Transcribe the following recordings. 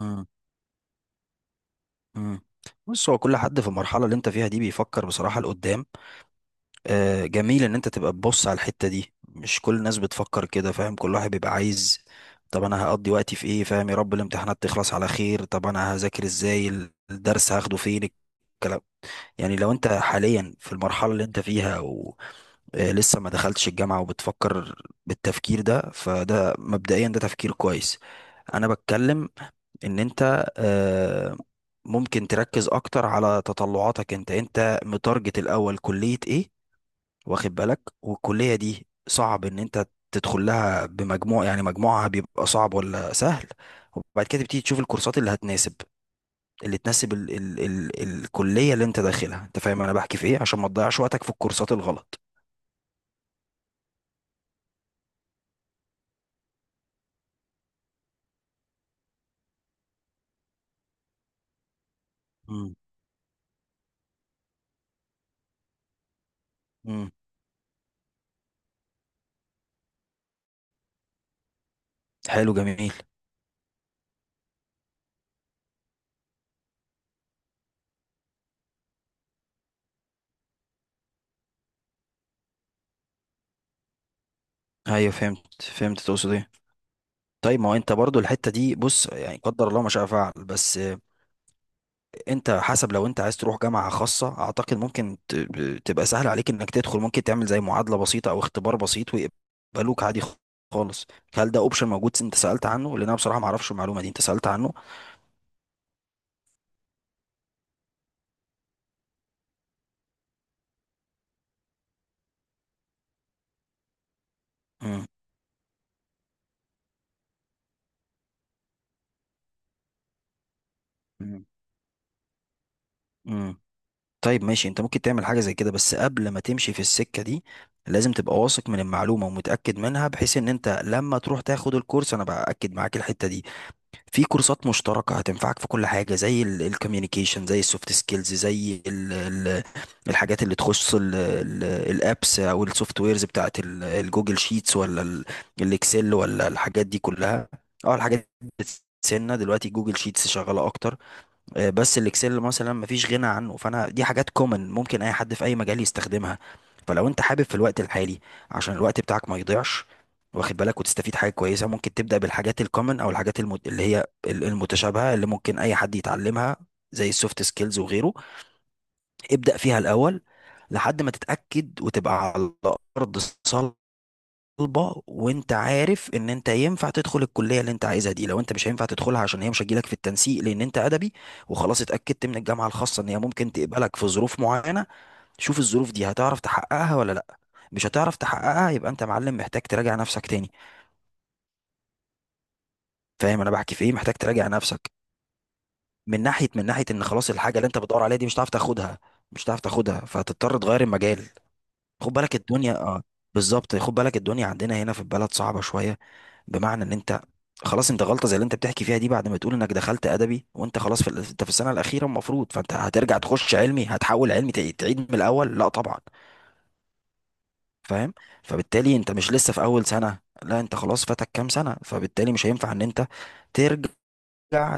مم. مم. بص، هو كل حد في المرحلة اللي انت فيها دي بيفكر بصراحة لقدام. آه، جميل ان انت تبقى تبص على الحتة دي، مش كل الناس بتفكر كده، فاهم؟ كل واحد بيبقى عايز، طب انا هقضي وقتي في ايه؟ فاهم؟ يا رب الامتحانات تخلص على خير. طب انا هذاكر ازاي؟ الدرس هاخده فين؟ الكلام يعني لو انت حاليا في المرحلة اللي انت فيها ولسه ما دخلتش الجامعة وبتفكر بالتفكير ده، فده مبدئيا ده تفكير كويس. انا بتكلم ان انت ممكن تركز اكتر على تطلعاتك. انت متارجت الاول كلية ايه؟ واخد بالك؟ والكلية دي صعب ان انت تدخل لها بمجموع؟ يعني مجموعها بيبقى صعب ولا سهل؟ وبعد كده تبتدي تشوف الكورسات اللي هتناسب، اللي تناسب ال ال ال الكلية اللي انت داخلها. انت فاهم انا بحكي في ايه؟ عشان ما تضيعش وقتك في الكورسات الغلط. مم. مم. حلو، جميل. ايوه، فهمت، فهمت تقصد ايه. طيب، ما هو انت برضو الحتة دي، بص، يعني قدر الله ما شاء فعل، بس انت حسب، لو انت عايز تروح جامعة خاصة اعتقد ممكن تبقى سهل عليك انك تدخل. ممكن تعمل زي معادلة بسيطة او اختبار بسيط ويقبلوك عادي خالص. هل ده اوبشن موجود؟ انت سألت عنه؟ لان انا بصراحة ما اعرفش المعلومة دي، انت سألت عنه؟ امم. مم. امم. طيب، ماشي، انت ممكن تعمل حاجة زي كده، بس قبل ما تمشي في السكة دي لازم تبقى واثق من المعلومة ومتأكد منها، بحيث ان انت لما تروح تاخد الكورس، انا بأكد معاك الحتة دي. في كورسات مشتركة هتنفعك في كل حاجة، زي الكوميونيكيشن، زي السوفت سكيلز، زي ال الحاجات اللي تخص الابس او السوفت ويرز بتاعت الجوجل شيتس، ولا الاكسل، ولا الحاجات دي كلها. اه، الحاجات دي بتسيبنا دلوقتي. جوجل شيتس شغالة اكتر، بس الاكسل مثلا مفيش غنى عنه. فانا دي حاجات كومن، ممكن اي حد في اي مجال يستخدمها. فلو انت حابب في الوقت الحالي، عشان الوقت بتاعك ما يضيعش، واخد بالك، وتستفيد حاجه كويسه، ممكن تبدا بالحاجات الكومن، او الحاجات اللي هي المتشابهه، اللي ممكن اي حد يتعلمها، زي السوفت سكيلز وغيره. ابدا فيها الاول، لحد ما تتاكد وتبقى على ارض طالبه، وانت عارف ان انت ينفع تدخل الكليه اللي انت عايزها دي. لو انت مش هينفع تدخلها عشان هي مش هتجيلك في التنسيق، لان انت ادبي، وخلاص اتاكدت من الجامعه الخاصه ان هي ممكن تقبلك في ظروف معينه، شوف الظروف دي هتعرف تحققها ولا لا. مش هتعرف تحققها، يبقى انت يا معلم محتاج تراجع نفسك تاني. فاهم انا بحكي في ايه؟ محتاج تراجع نفسك من ناحيه ان خلاص الحاجه اللي انت بتدور عليها دي مش هتعرف تاخدها. مش هتعرف تاخدها، فهتضطر تغير المجال. خد بالك الدنيا، اه، بالظبط. خد بالك الدنيا عندنا هنا في البلد صعبة شوية، بمعنى ان انت خلاص، انت غلطة زي اللي انت بتحكي فيها دي بعد ما تقول انك دخلت ادبي وانت خلاص في انت في السنة الأخيرة المفروض، فانت هترجع تخش علمي؟ هتحول علمي؟ تعيد من الأول؟ لا طبعا. فاهم؟ فبالتالي انت مش لسه في أول سنة، لا، انت خلاص فاتك كام سنة، فبالتالي مش هينفع ان انت ترجع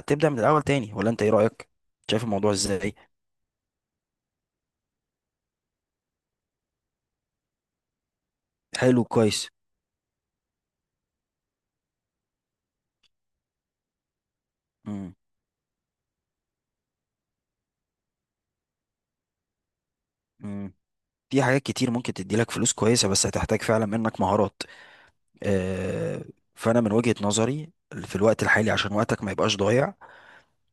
تبدأ من الأول تاني، ولا انت ايه رأيك؟ شايف الموضوع ازاي؟ حلو، كويس. امم. امم. في حاجات كتير ممكن تدي لك فلوس كويسة، بس هتحتاج فعلا منك مهارات. آه، فانا من وجهة نظري في الوقت الحالي، عشان وقتك ما يبقاش ضايع،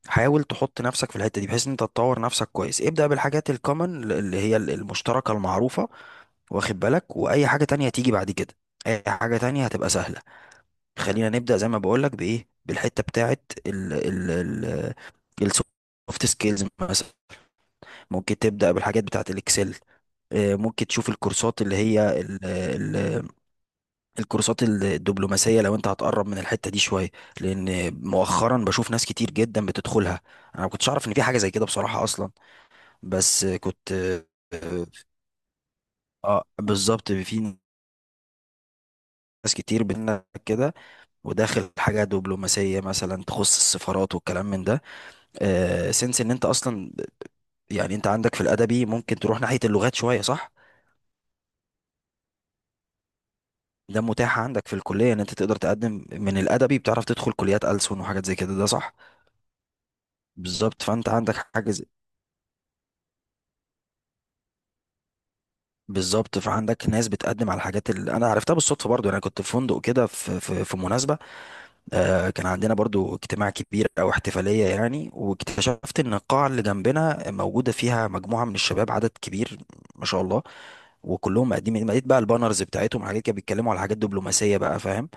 حاول تحط نفسك في الحتة دي، بحيث ان انت تطور نفسك كويس. ابدأ بالحاجات الكومن اللي هي المشتركة المعروفة، واخد بالك؟ واي حاجة تانية هتيجي بعد كده، اي حاجة تانية هتبقى سهلة. خلينا نبدأ زي ما بقولك بايه، بالحتة بتاعت ال السوفت سكيلز مثلا. ممكن تبدأ بالحاجات بتاعت الاكسل. ممكن تشوف الكورسات اللي هي الكورسات الدبلوماسية، لو انت هتقرب من الحتة دي شوية، لان مؤخرا بشوف ناس كتير جدا بتدخلها. انا ما كنتش اعرف ان في حاجة زي كده بصراحة اصلا، بس كنت، اه، بالظبط، في ناس كتير بينا كده، وداخل حاجة دبلوماسية مثلا، تخص السفارات والكلام من ده. آه، سنس ان انت اصلا، يعني انت عندك في الادبي ممكن تروح ناحية اللغات شوية، صح؟ ده متاح عندك في الكلية ان انت تقدر تقدم من الادبي، بتعرف تدخل كليات ألسن وحاجات زي كده، ده صح؟ بالظبط، فانت عندك حاجة. بالظبط، فعندك ناس بتقدم على الحاجات اللي انا عرفتها بالصدفه برضو. انا كنت في فندق كده، في في مناسبه، آه، كان عندنا برضو اجتماع كبير او احتفاليه يعني، واكتشفت ان القاعه اللي جنبنا موجوده فيها مجموعه من الشباب، عدد كبير ما شاء الله، وكلهم مقدمين. لقيت بقى البانرز بتاعتهم حاجات كده، بيتكلموا على حاجات دبلوماسيه بقى، فاهم؟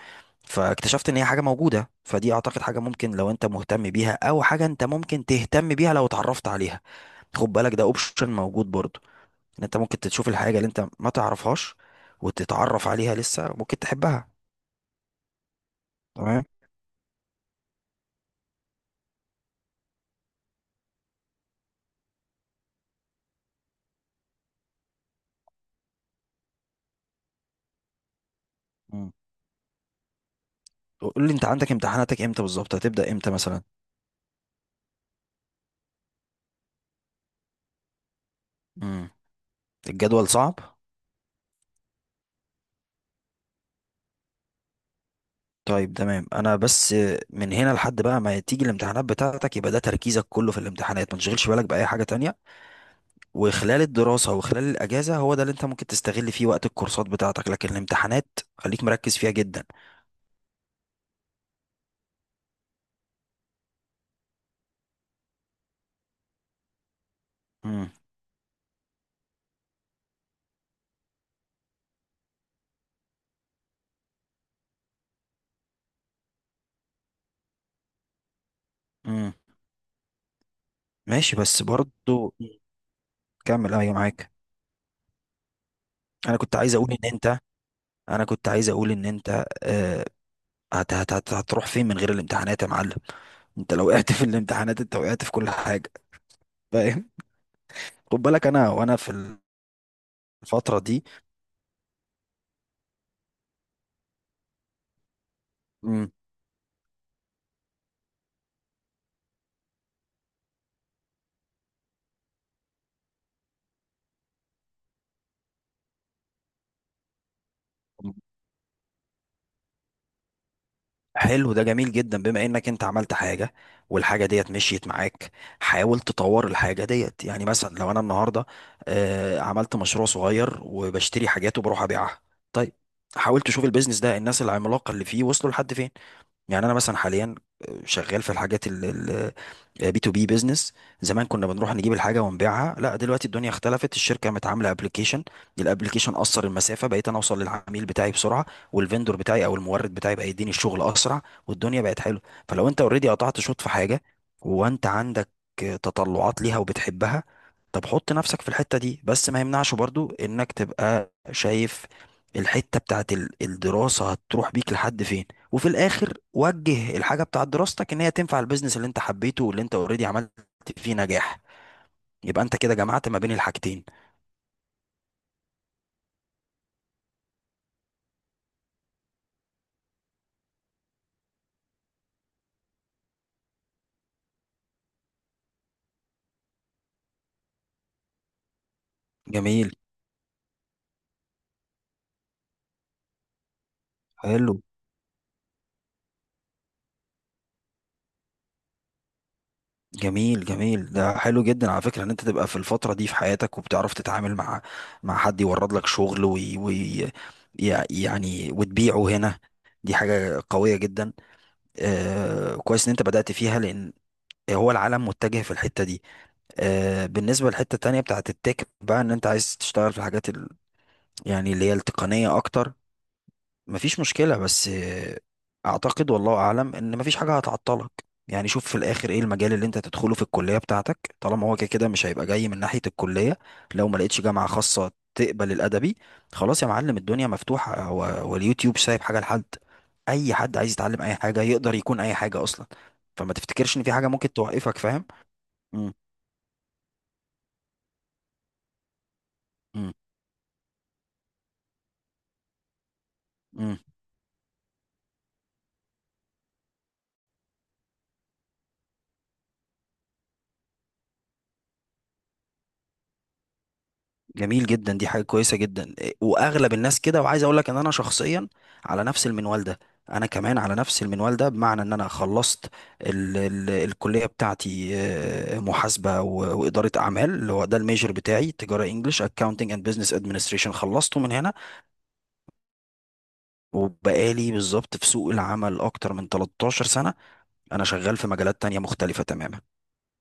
فاكتشفت ان هي حاجه موجوده. فدي اعتقد حاجه ممكن، لو انت مهتم بيها، او حاجه انت ممكن تهتم بيها لو اتعرفت عليها. خد بالك، ده اوبشن موجود برضو، ان انت ممكن تشوف الحاجه اللي انت ما تعرفهاش، وتتعرف عليها، لسه ممكن تحبها. تمام. مم. قول لي، انت عندك امتحاناتك امتى بالظبط؟ هتبدا امتى مثلا؟ مم. الجدول صعب؟ طيب تمام. انا بس، من هنا لحد بقى ما تيجي الامتحانات بتاعتك، يبقى ده تركيزك كله في الامتحانات، ما تشغلش بالك باي حاجه تانية. وخلال الدراسه وخلال الاجازه، هو ده اللي انت ممكن تستغل فيه وقت الكورسات بتاعتك، لكن الامتحانات خليك مركز فيها جدا. مم. مم. ماشي، بس برضو، كمل، ايوه، معاك. انا كنت عايز اقول ان انت انا كنت عايز اقول ان انت، هتروح فين من غير الامتحانات يا معلم؟ انت لو وقعت في الامتحانات، انت وقعت في كل حاجه. فاهم؟ خد بالك، انا وانا في الفتره دي. امم. حلو، ده جميل جدا، بما انك انت عملت حاجه والحاجه ديت مشيت معاك. حاول تطور الحاجه ديت. يعني مثلا لو انا النهارده، عملت مشروع صغير وبشتري حاجات وبروح ابيعها، طيب، حاول تشوف البيزنس ده، الناس العملاقه اللي فيه وصلوا لحد فين. يعني انا مثلا حاليا، شغال في الحاجات ال بي تو بي بيزنس. زمان كنا بنروح نجيب الحاجه ونبيعها، لا دلوقتي الدنيا اختلفت، الشركه قامت عامله ابلكيشن، الابلكيشن قصر المسافه، بقيت انا اوصل للعميل بتاعي بسرعه، والفندور بتاعي او المورد بتاعي بقى يديني الشغل اسرع، والدنيا بقت حلوه. فلو انت اوريدي قطعت شوط في حاجه، وانت عندك تطلعات ليها وبتحبها، طب حط نفسك في الحته دي، بس ما يمنعش برضو انك تبقى شايف الحته بتاعت الدراسه هتروح بيك لحد فين. وفي الاخر وجه الحاجه بتاعت دراستك ان هي تنفع البيزنس اللي انت حبيته واللي انت اوريدي عملت فيه نجاح، يبقى انت كده جمعت ما بين الحاجتين. جميل. حلو، جميل، جميل. ده حلو جدا على فكره ان انت تبقى في الفتره دي في حياتك وبتعرف تتعامل مع مع حد يورد لك شغل يعني وتبيعه هنا. دي حاجه قويه جدا. آه، كويس ان انت بدأت فيها، لان هو العالم متجه في الحته دي. آه، بالنسبه للحته التانيه بتاعت التك بقى، ان انت عايز تشتغل في الحاجات، يعني اللي هي التقنية أكتر، مفيش مشكلة. بس أعتقد والله أعلم إن مفيش حاجة هتعطلك. يعني شوف في الآخر إيه المجال اللي أنت تدخله في الكلية بتاعتك، طالما هو كده كده مش هيبقى جاي من ناحية الكلية. لو ما لقيتش جامعة خاصة تقبل الأدبي، خلاص يا معلم، الدنيا مفتوحة، هو واليوتيوب سايب حاجة لحد؟ أي حد عايز يتعلم أي حاجة يقدر يكون أي حاجة أصلا. فما تفتكرش إن في حاجة ممكن توقفك، فاهم؟ مم. مم. جميل جدا، دي حاجة كويسة جدا، إيه، وأغلب الناس كده. وعايز أقول لك إن أنا شخصيا على نفس المنوال ده. أنا كمان على نفس المنوال ده، بمعنى إن أنا خلصت ال الكلية بتاعتي، محاسبة وإدارة أعمال، اللي هو ده الميجر بتاعي، تجارة إنجلش، أكاونتنج أند بزنس أدمنستريشن، خلصته من هنا. وبقالي بالظبط في سوق العمل أكتر من 13 سنة، أنا شغال في مجالات تانية مختلفة تماما.